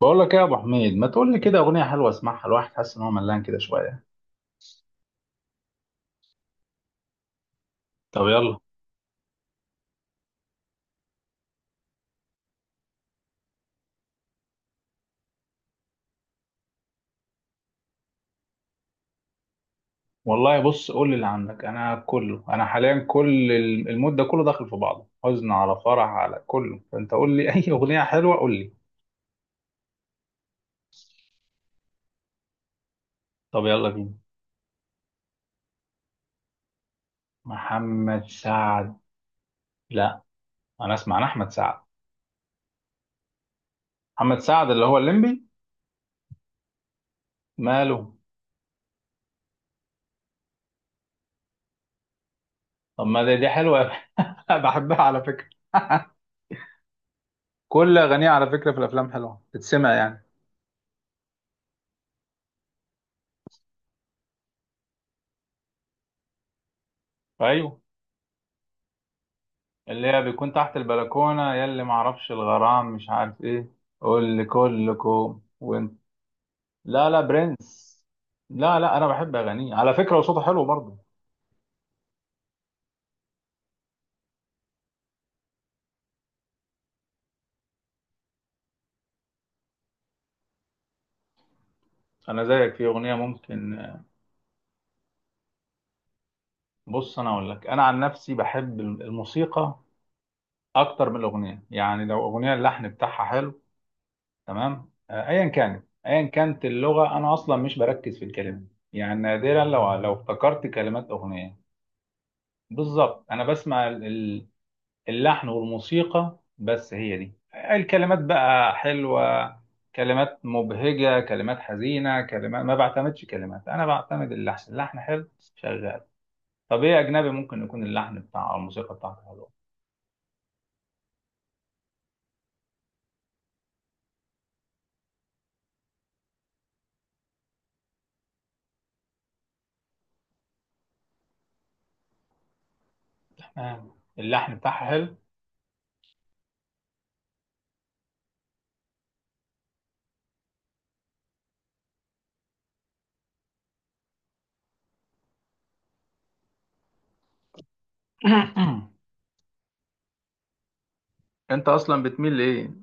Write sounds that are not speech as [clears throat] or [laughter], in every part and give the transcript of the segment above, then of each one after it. بقول لك ايه يا ابو حميد؟ ما تقول لي كده اغنيه حلوه اسمعها، الواحد حاسس ان هو ملان كده شويه. طب يلا. والله بص، قول لي اللي عندك. انا كله، انا حاليا كل المود ده كله داخل في بعضه، حزن على فرح على كله، فانت قول لي [laughs] اي اغنيه حلوه، قول لي. طب يلا بينا. محمد سعد؟ لا، انا اسمع عن احمد سعد. محمد سعد اللي هو الليمبي؟ ماله؟ طب ما دي، دي حلوه [laughs] بحبها على فكره [laughs] كل اغانيه على فكره في الافلام حلوه تتسمع يعني. ايوه، اللي هي بيكون تحت البلكونة، يا اللي معرفش الغرام مش عارف ايه. قول لكلكم وانت. لا لا، برنس. لا لا، انا بحب اغانيه على فكرة، وصوته حلو برضه. انا زيك في اغنية ممكن. بص انا اقول لك، انا عن نفسي بحب الموسيقى اكتر من الاغنية. يعني لو اغنية اللحن بتاعها حلو، تمام. ايا كانت اللغة، انا اصلا مش بركز في الكلمة. يعني نادرا لو افتكرت كلمات اغنية. بالظبط، انا بسمع اللحن والموسيقى بس، هي دي. الكلمات بقى حلوة، كلمات مبهجة، كلمات حزينة، كلمات، ما بعتمدش كلمات. أنا بعتمد اللحن، اللحن حلو، شغال. طب إيه، أجنبي ممكن يكون اللحن بتاع أو الموسيقى بتاعته حلوة. اللحن بتاعها حلو. [coughs] [clears throat] أنت أصلا بتميل لإيه؟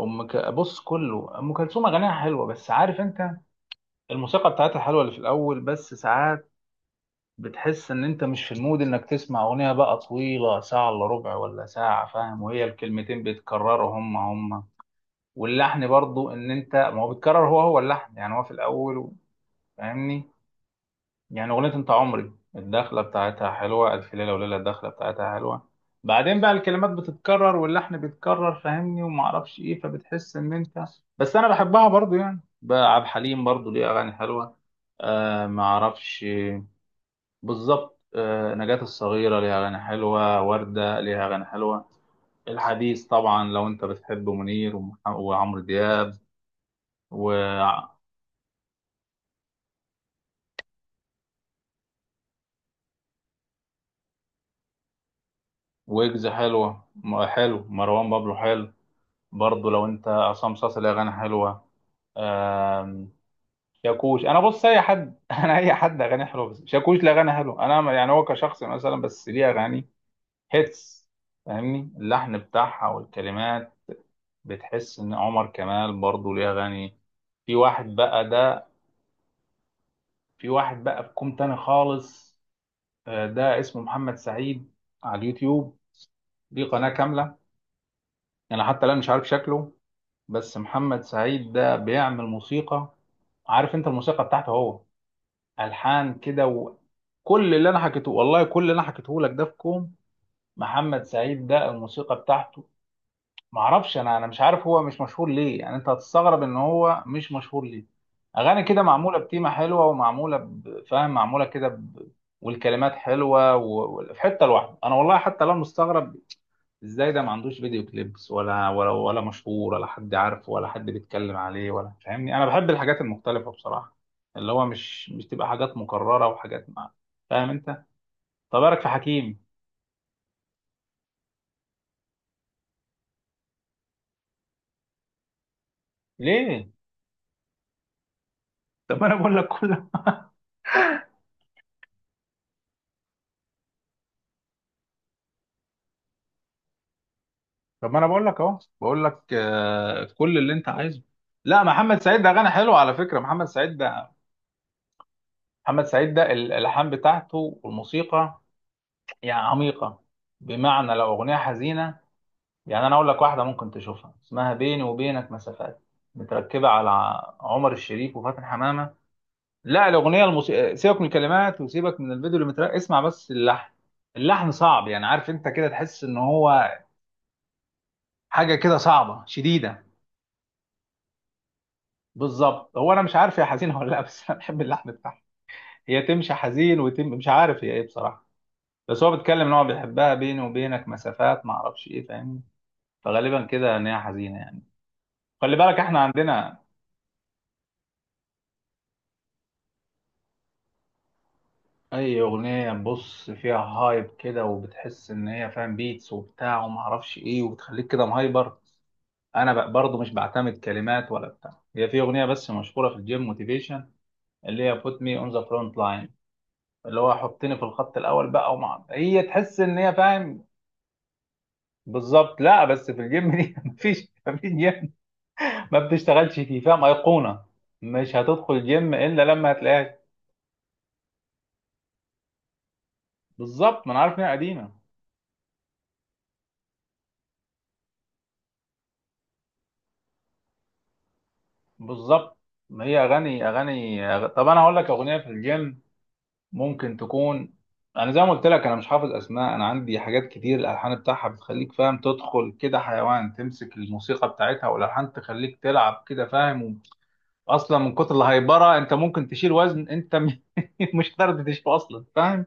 أم ك... بص، كله أم كلثوم أغانيها حلوة بس عارف أنت، الموسيقى بتاعتها حلوة اللي في الأول، بس ساعات بتحس ان انت مش في المود انك تسمع اغنية بقى طويلة، ساعة الا ربع ولا ساعة، فاهم؟ وهي الكلمتين بيتكرروا هم هم، واللحن برضو ان انت ما هو بيتكرر هو هو اللحن، يعني هو في الاول فاهمني؟ يعني اغنية انت عمري الدخلة بتاعتها حلوة، الف ليلة وليلة الدخلة بتاعتها حلوة. بعدين بقى الكلمات بتتكرر واللحن بيتكرر، فاهمني؟ وما اعرفش ايه، فبتحس ان انت. بس انا بحبها برضو. يعني بقى عبد الحليم برضو ليه اغاني حلوة. ما اعرفش. بالظبط. نجاة الصغيرة ليها أغاني حلوة، وردة ليها أغاني حلوة. الحديث طبعا لو أنت بتحب منير وعمرو دياب وويجز. حلوة حلو مروان بابلو حلو. برضه لو أنت عصام صاصا ليه أغاني حلوة. آم، شاكوش، أنا بص أي حد [laughs] أنا أي حد أغاني حلوة، بس شاكوش ليه أغاني حلوة أنا يعني هو كشخص مثلا، بس ليه أغاني هيتس، فاهمني؟ اللحن بتاعها والكلمات. بتحس ان عمر كمال برضه ليه اغاني. في واحد بقى ده، في واحد بقى بكم تاني خالص، ده اسمه محمد سعيد على اليوتيوب. ليه قناة كاملة، انا حتى الان مش عارف شكله. بس محمد سعيد ده بيعمل موسيقى. عارف انت الموسيقى بتاعته هو، الحان كده، وكل اللي انا حكيته، والله كل اللي انا حكيته لك ده في كوم، محمد سعيد ده الموسيقى بتاعته. ما اعرفش انا مش عارف هو مش مشهور ليه، يعني انت هتستغرب ان هو مش مشهور ليه. اغاني كده معموله بتيمه حلوه، ومعموله فاهم، معموله كده ب... والكلمات حلوه في حته لوحده. انا والله حتى لو مستغرب ازاي ده ما عندوش فيديو كليبس، ولا ولا ولا مشهور ولا حد عارفه ولا حد بيتكلم عليه ولا. فاهمني؟ انا بحب الحاجات المختلفه بصراحه، اللي هو مش تبقى حاجات مكرره، وحاجات مع، فاهم انت. طب بالك في حكيم. ليه؟ طب انا بقول لك كل، طب ما انا بقول لك اهو، بقول لك كل اللي انت عايزه. لا، محمد سعيد ده غنى حلو على فكره. محمد سعيد ده، محمد سعيد ده الالحان بتاعته والموسيقى يعني عميقه. بمعنى لو اغنيه حزينه، يعني انا اقول لك واحده ممكن تشوفها اسمها بيني وبينك مسافات، متركبه على عمر الشريف وفاتن حمامه. لا الاغنيه الموسيقى، سيبك من الكلمات وسيبك من الفيديو اللي متركب، اسمع بس اللحن. اللحن صعب، يعني عارف انت كده تحس ان هو حاجه كده صعبه شديده. بالظبط، هو انا مش عارف هي حزينه ولا لا، بس انا بحب اللحن بتاعها. هي تمشي حزين، وتم مش عارف هي ايه بصراحه، بس هو بيتكلم ان هو بيحبها، بيني وبينك مسافات ما اعرفش ايه، فاهمني؟ فغالبا كده ان هي حزينه يعني. خلي بالك احنا عندنا اي اغنيه بص فيها هايب كده، وبتحس ان هي فاهم بيتس وبتاع وما اعرفش ايه، وبتخليك كده مهايبر. انا برضه مش بعتمد كلمات ولا بتاع. هي في اغنيه بس مشهوره في الجيم، موتيفيشن، اللي هي put me on the front line، اللي هو حطني في الخط الاول بقى، ومع هي تحس ان هي فاهم. بالظبط. لا بس في الجيم دي [laughs] مفيش جيم ما بتشتغلش فيه، فاهم، ايقونه، مش هتدخل جيم الا لما هتلاقيها. بالظبط، ما انا عارف ان هي قديمه. بالظبط، ما هي اغاني اغاني طب انا هقول لك اغنيه في الجيم ممكن تكون، انا زي ما قلت لك انا مش حافظ اسماء، انا عندي حاجات كتير الالحان بتاعها بتخليك فاهم تدخل كده حيوان، تمسك الموسيقى بتاعتها والالحان تخليك تلعب كده، فاهم. اصلا من كتر الهيبره انت ممكن تشيل وزن انت [laughs] مش قادر تشيله اصلا، فاهم.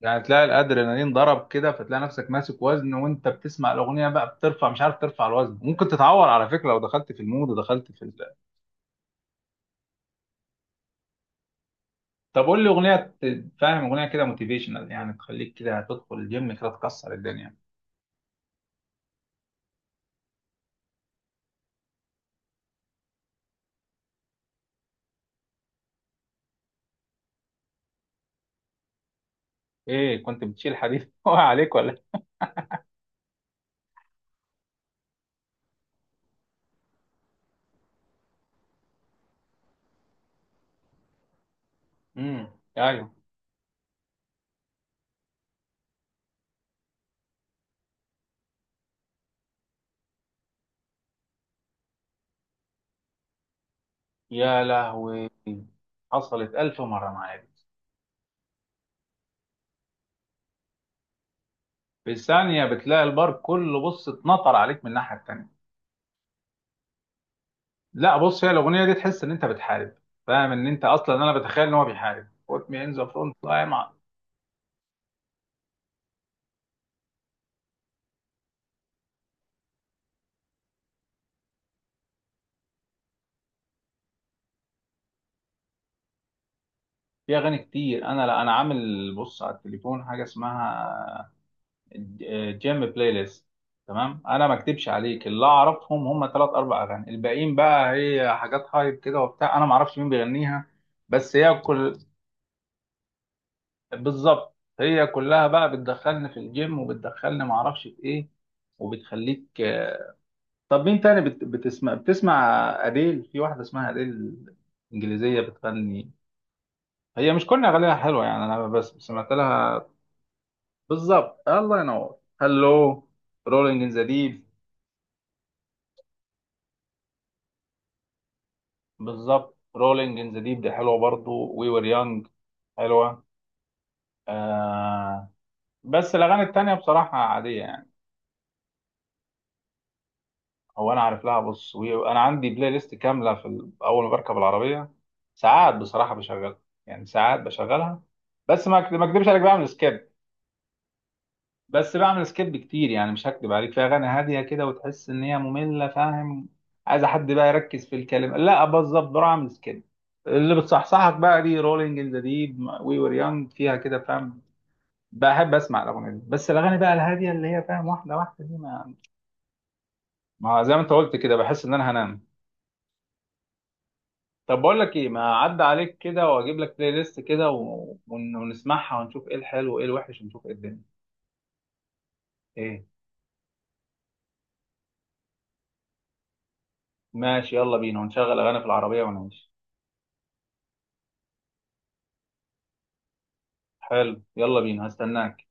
يعني تلاقي الادرينالين ضرب كده، فتلاقي نفسك ماسك وزن وانت بتسمع الاغنيه بقى، بترفع مش عارف ترفع الوزن، ممكن تتعور على فكره لو دخلت في المود ودخلت في ال... طب قول لي اغنيه فاهم، اغنيه كده موتيفيشنال يعني تخليك كده تدخل الجيم كده تكسر الدنيا. ايه، كنت بتشيل حديد [laughs] وقع عليك ولا؟ امم ايوه. يا لهوي، حصلت ألف مرة معايا دي. في ثانية بتلاقي البار كله بص اتنطر عليك من الناحية التانية. لا بص، هي الاغنيه دي تحس ان انت بتحارب، فاهم ان انت اصلا، انا بتخيل ان هو بيحارب، put me in the front line. في اغاني كتير انا، لا انا عامل بص على التليفون حاجه اسمها جيم بلاي ليست، تمام. انا ما اكدبش عليك، اللي اعرفهم هم ثلاث اربع اغاني، الباقيين بقى هي حاجات هايب كده وبتاع، انا ما اعرفش مين بيغنيها. بس هي كل، بالظبط، هي كلها بقى بتدخلني في الجيم وبتدخلني ما اعرفش في ايه، وبتخليك. طب مين تاني بت... بتسمع بتسمع؟ أديل. في واحدة اسمها أديل، إنجليزية بتغني. هي مش كل أغانيها حلوة يعني، أنا بس سمعت لها. بالظبط، الله ينور، هلو، رولينج إن ذا ديب. بالظبط، رولينج إن ذا ديب دي حلوة برضو، وي وير يونج حلوة. آه... بس الأغاني التانية بصراحة عادية يعني. هو أنا عارف لها بص، أنا عندي بلاي ليست كاملة في ال... أول ما بركب العربية ساعات بصراحة بشغلها، يعني ساعات بشغلها، بس ما أكدبش عليك بعمل سكيب. بس بعمل سكيب كتير يعني، مش هكدب عليك في اغاني هاديه كده وتحس ان هي ممله، فاهم، عايزه حد بقى يركز في الكلمه، لا بالظبط بروح اعمل سكيب. اللي بتصحصحك بقى دي رولينج ان ذا ديب، وي وير يونج، فيها كده فاهم. بحب اسمع الاغاني دي بس. الاغاني بقى الهاديه اللي هي فاهم واحده واحده دي ما زي ما انت قلت كده بحس ان انا هنام. طب بقول لك ايه، ما اعدي عليك كده واجيب لك بلاي ليست كده ونسمعها ونشوف ايه الحلو وايه الوحش ونشوف ايه الدنيا. ايه؟ ماشي يلا بينا، ونشغل اغاني في العربيه ونعيش. حلو يلا بينا، هستناك.